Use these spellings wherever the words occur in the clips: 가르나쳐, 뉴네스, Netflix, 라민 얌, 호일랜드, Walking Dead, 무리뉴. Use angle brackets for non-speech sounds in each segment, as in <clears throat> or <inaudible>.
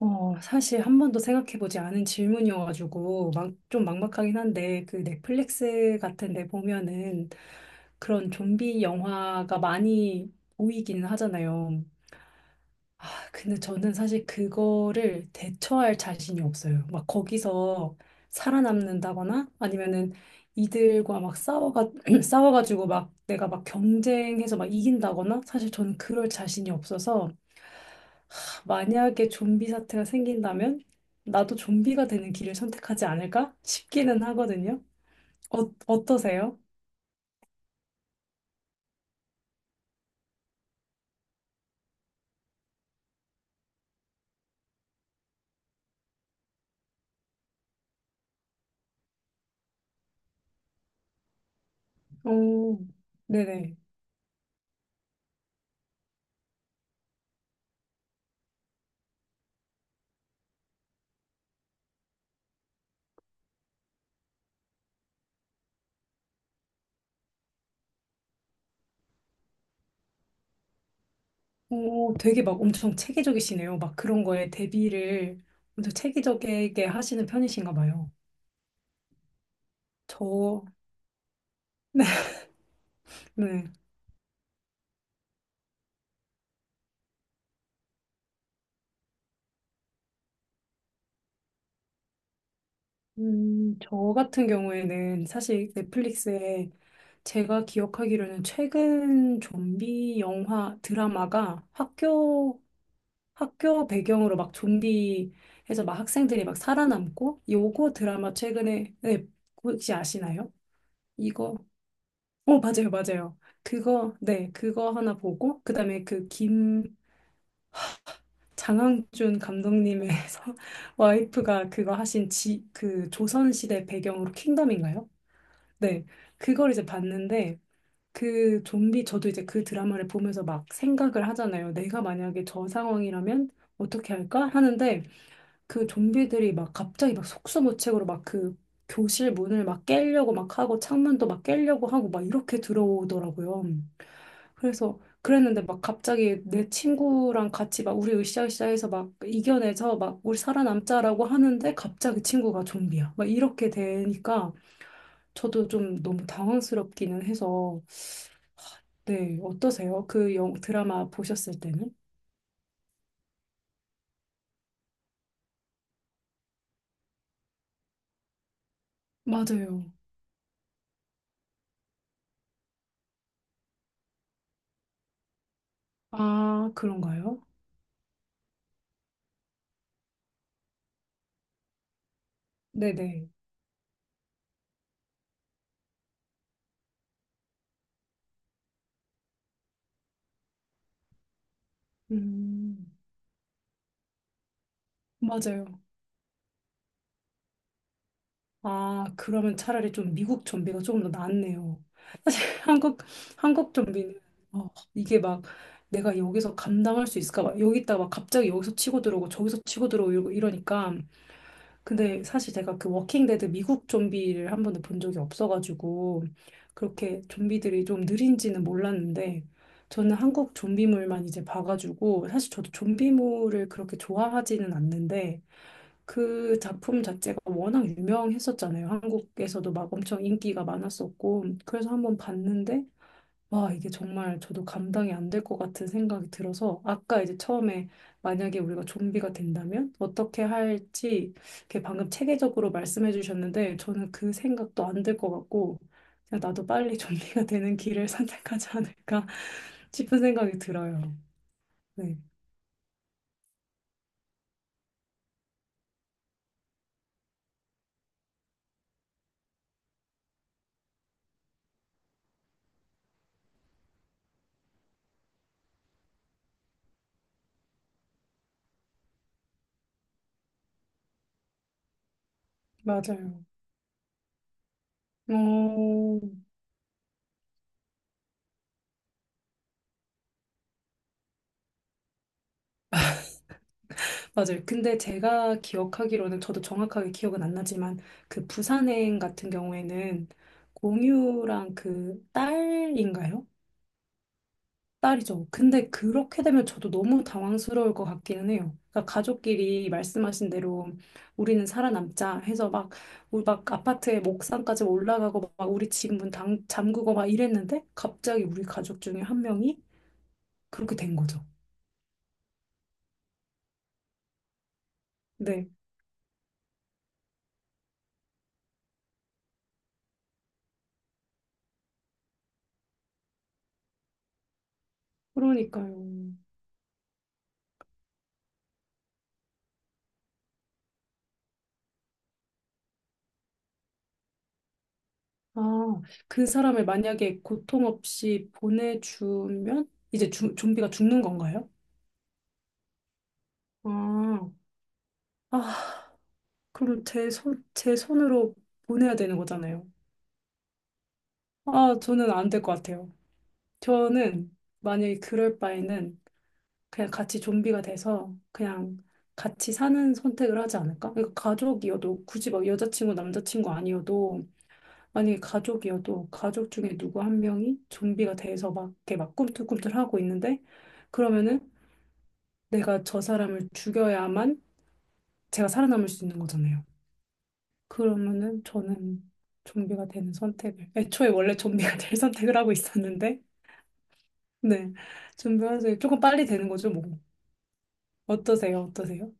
사실 한 번도 생각해보지 않은 질문이어가지고 막, 좀 막막하긴 한데 그 넷플릭스 같은 데 보면은 그런 좀비 영화가 많이 보이기는 하잖아요. 아, 근데 저는 사실 그거를 대처할 자신이 없어요. 막 거기서 살아남는다거나 아니면은 이들과 막 <clears throat> 싸워가지고 막 내가 막 경쟁해서 막 이긴다거나 사실 저는 그럴 자신이 없어서 만약에 좀비 사태가 생긴다면 나도 좀비가 되는 길을 선택하지 않을까 싶기는 하거든요. 어떠세요? 오, 네네. 오, 되게 막 엄청 체계적이시네요. 막 그런 거에 대비를 엄청 체계적이게 하시는 편이신가 봐요. 저, 네. 저 같은 경우에는 사실 넷플릭스에 제가 기억하기로는 최근 좀비 영화 드라마가 학교 배경으로 막 좀비 해서 막 학생들이 막 살아남고 요거 드라마 최근에 네, 혹시 아시나요? 이거. 어, 맞아요, 맞아요. 그거, 네, 그거 하나 보고 그다음에 그 김 장항준 감독님의 <laughs> 와이프가 그거 하신 지 그 조선시대 배경으로 킹덤인가요? 네. 그걸 이제 봤는데 그 좀비 저도 이제 그 드라마를 보면서 막 생각을 하잖아요. 내가 만약에 저 상황이라면 어떻게 할까 하는데 그 좀비들이 막 갑자기 막 속수무책으로 막 그 교실 문을 막 깨려고 막 하고 창문도 막 깨려고 하고 막 이렇게 들어오더라고요. 그래서 그랬는데 막 갑자기 내 친구랑 같이 막 우리 으쌰으쌰해서 막 이겨내서 막 우리 살아남자라고 하는데 갑자기 친구가 좀비야. 막 이렇게 되니까 저도 좀 너무 당황스럽기는 해서. 네, 어떠세요? 그 드라마 보셨을 때는? 맞아요. 아, 그런가요? 네네. 음, 맞아요. 아, 그러면 차라리 좀 미국 좀비가 조금 더 낫네요. 사실 <laughs> 한국 좀비는, 어, 이게 막 내가 여기서 감당할 수 있을까? 막 여기 있다가 막 갑자기 여기서 치고 들어오고 저기서 치고 들어오고 이러니까. 근데 사실 제가 그 워킹데드 미국 좀비를 한 번도 본 적이 없어가지고 그렇게 좀비들이 좀 느린지는 몰랐는데 저는 한국 좀비물만 이제 봐가지고 사실 저도 좀비물을 그렇게 좋아하지는 않는데 그 작품 자체가 워낙 유명했었잖아요. 한국에서도 막 엄청 인기가 많았었고, 그래서 한번 봤는데, 와, 이게 정말 저도 감당이 안 될 것 같은 생각이 들어서, 아까 이제 처음에 만약에 우리가 좀비가 된다면 어떻게 할지, 이렇게 방금 체계적으로 말씀해 주셨는데, 저는 그 생각도 안 될 것 같고, 그냥 나도 빨리 <laughs> 좀비가 되는 길을 선택하지 않을까 <laughs> 싶은 생각이 들어요. 네, 맞아요. 어, 맞아요. 근데 제가 기억하기로는 저도 정확하게 기억은 안 나지만 그 부산행 같은 경우에는 공유랑 그 딸인가요? 딸이죠. 근데 그렇게 되면 저도 너무 당황스러울 것 같기는 해요. 그러니까 가족끼리 말씀하신 대로 우리는 살아남자 해서 막, 우리 막 아파트의 목상까지 올라가고 막 우리 집 문 잠그고 막 이랬는데 갑자기 우리 가족 중에 한 명이 그렇게 된 거죠. 네. 그러니까요. 아, 그 사람을 만약에 고통 없이 보내주면 이제 좀비가 죽는 건가요? 아, 아, 그럼 제 손으로 보내야 되는 거잖아요. 아, 저는 안 될 것 같아요. 저는 만약에 그럴 바에는 그냥 같이 좀비가 돼서 그냥 같이 사는 선택을 하지 않을까? 그러니까 가족이어도 굳이 막 여자친구, 남자친구 아니어도 아니, 가족이어도 가족 중에 누구 한 명이 좀비가 돼서 막 이렇게 막 꿈틀꿈틀하고 있는데 그러면은 내가 저 사람을 죽여야만 제가 살아남을 수 있는 거잖아요. 그러면은 저는 좀비가 되는 선택을 애초에 원래 좀비가 될 선택을 하고 있었는데. 네. 좀비 환생이 조금 빨리 되는 거죠, 뭐. 어떠세요? 어떠세요?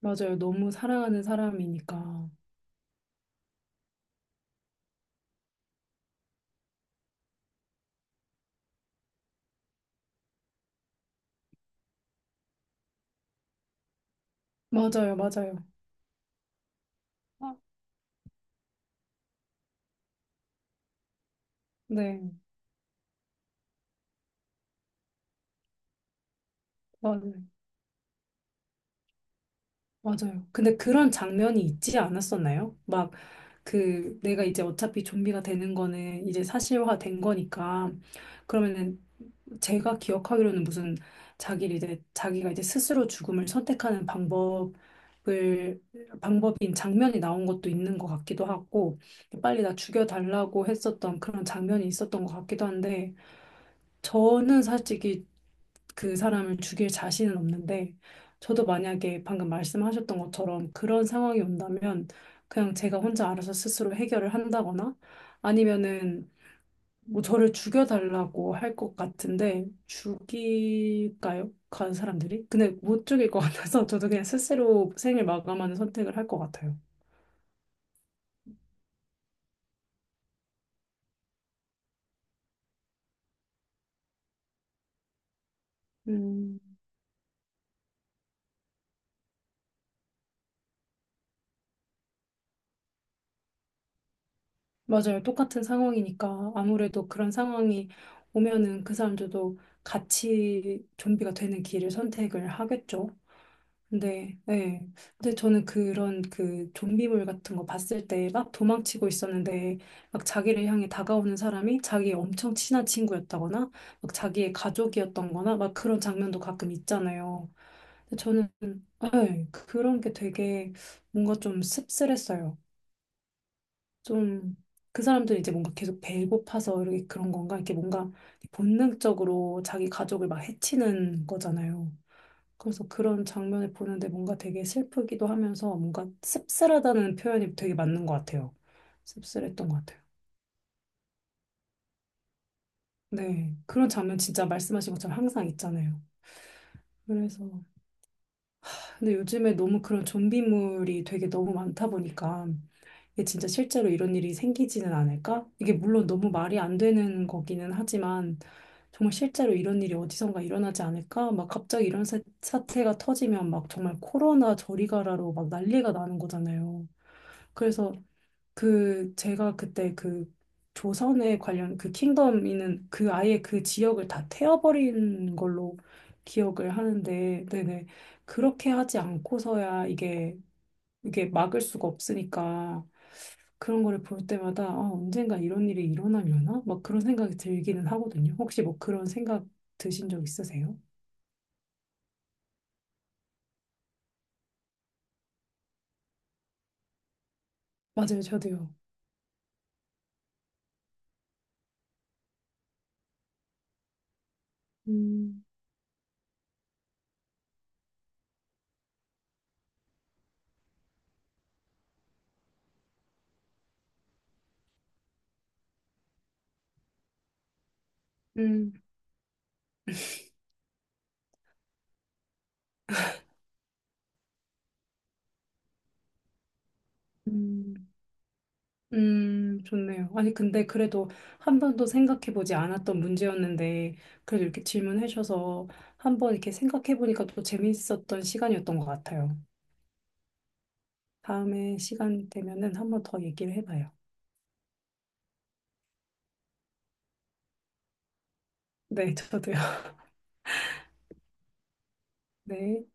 맞아요. 너무 사랑하는 사람이니까. 맞아요. 맞아요. 아, 네. 맞아요. 맞아요. 근데 그런 장면이 있지 않았었나요? 막, 그, 내가 이제 어차피 좀비가 되는 거는 이제 사실화 된 거니까, 그러면은 제가 기억하기로는 무슨 자기가 이제 스스로 죽음을 선택하는 방법인 장면이 나온 것도 있는 것 같기도 하고, 빨리 나 죽여달라고 했었던 그런 장면이 있었던 것 같기도 한데, 저는 솔직히 그 사람을 죽일 자신은 없는데 저도 만약에 방금 말씀하셨던 것처럼 그런 상황이 온다면 그냥 제가 혼자 알아서 스스로 해결을 한다거나 아니면은 뭐 저를 죽여달라고 할 것 같은데 죽일까요? 간 사람들이? 근데 못 죽일 것 <laughs> 같아서 저도 그냥 스스로 생을 마감하는 선택을 할 것 같아요. 음, 맞아요. 똑같은 상황이니까 아무래도 그런 상황이 오면은 그 사람들도 같이 좀비가 되는 길을 선택을 하겠죠. 네, 네. 근데 저는 그런 그 좀비물 같은 거 봤을 때 막 도망치고 있었는데 막 자기를 향해 다가오는 사람이 자기의 엄청 친한 친구였다거나 막 자기의 가족이었던 거나 막 그런 장면도 가끔 있잖아요. 근데 저는 네, 그런 게 되게 뭔가 좀 씁쓸했어요. 좀 그 사람들이 이제 뭔가 계속 배고파서 이렇게 그런 건가? 이렇게 뭔가 본능적으로 자기 가족을 막 해치는 거잖아요. 그래서 그런 장면을 보는데 뭔가 되게 슬프기도 하면서 뭔가 씁쓸하다는 표현이 되게 맞는 것 같아요. 씁쓸했던 것 같아요. 네. 그런 장면 진짜 말씀하신 것처럼 항상 있잖아요. 그래서. 근데 요즘에 너무 그런 좀비물이 되게 너무 많다 보니까 이게 진짜 실제로 이런 일이 생기지는 않을까? 이게 물론 너무 말이 안 되는 거기는 하지만 정말 실제로 이런 일이 어디선가 일어나지 않을까? 막 갑자기 이런 사태가 터지면 막 정말 코로나 저리 가라로 막 난리가 나는 거잖아요. 그래서 그 제가 그때 그 조선에 관련 그 킹덤이는 그 아예 그 지역을 다 태워버린 걸로 기억을 하는데. 네네. 그렇게 하지 않고서야 이게 막을 수가 없으니까 그런 거를 볼 때마다 아, 언젠가 이런 일이 일어나려나? 막 그런 생각이 들기는 하거든요. 혹시 뭐 그런 생각 드신 적 있으세요? 맞아요, 저도요. 음, 음. 음. 좋네요. 아니, 근데 그래도 한 번도 생각해보지 않았던 문제였는데, 그래도 이렇게 질문해주셔서 한 번 이렇게 생각해보니까 또 재밌었던 시간이었던 것 같아요. 다음에 시간 되면은 한 번 더 얘기를 해봐요. 네, 저도요. <laughs> 네.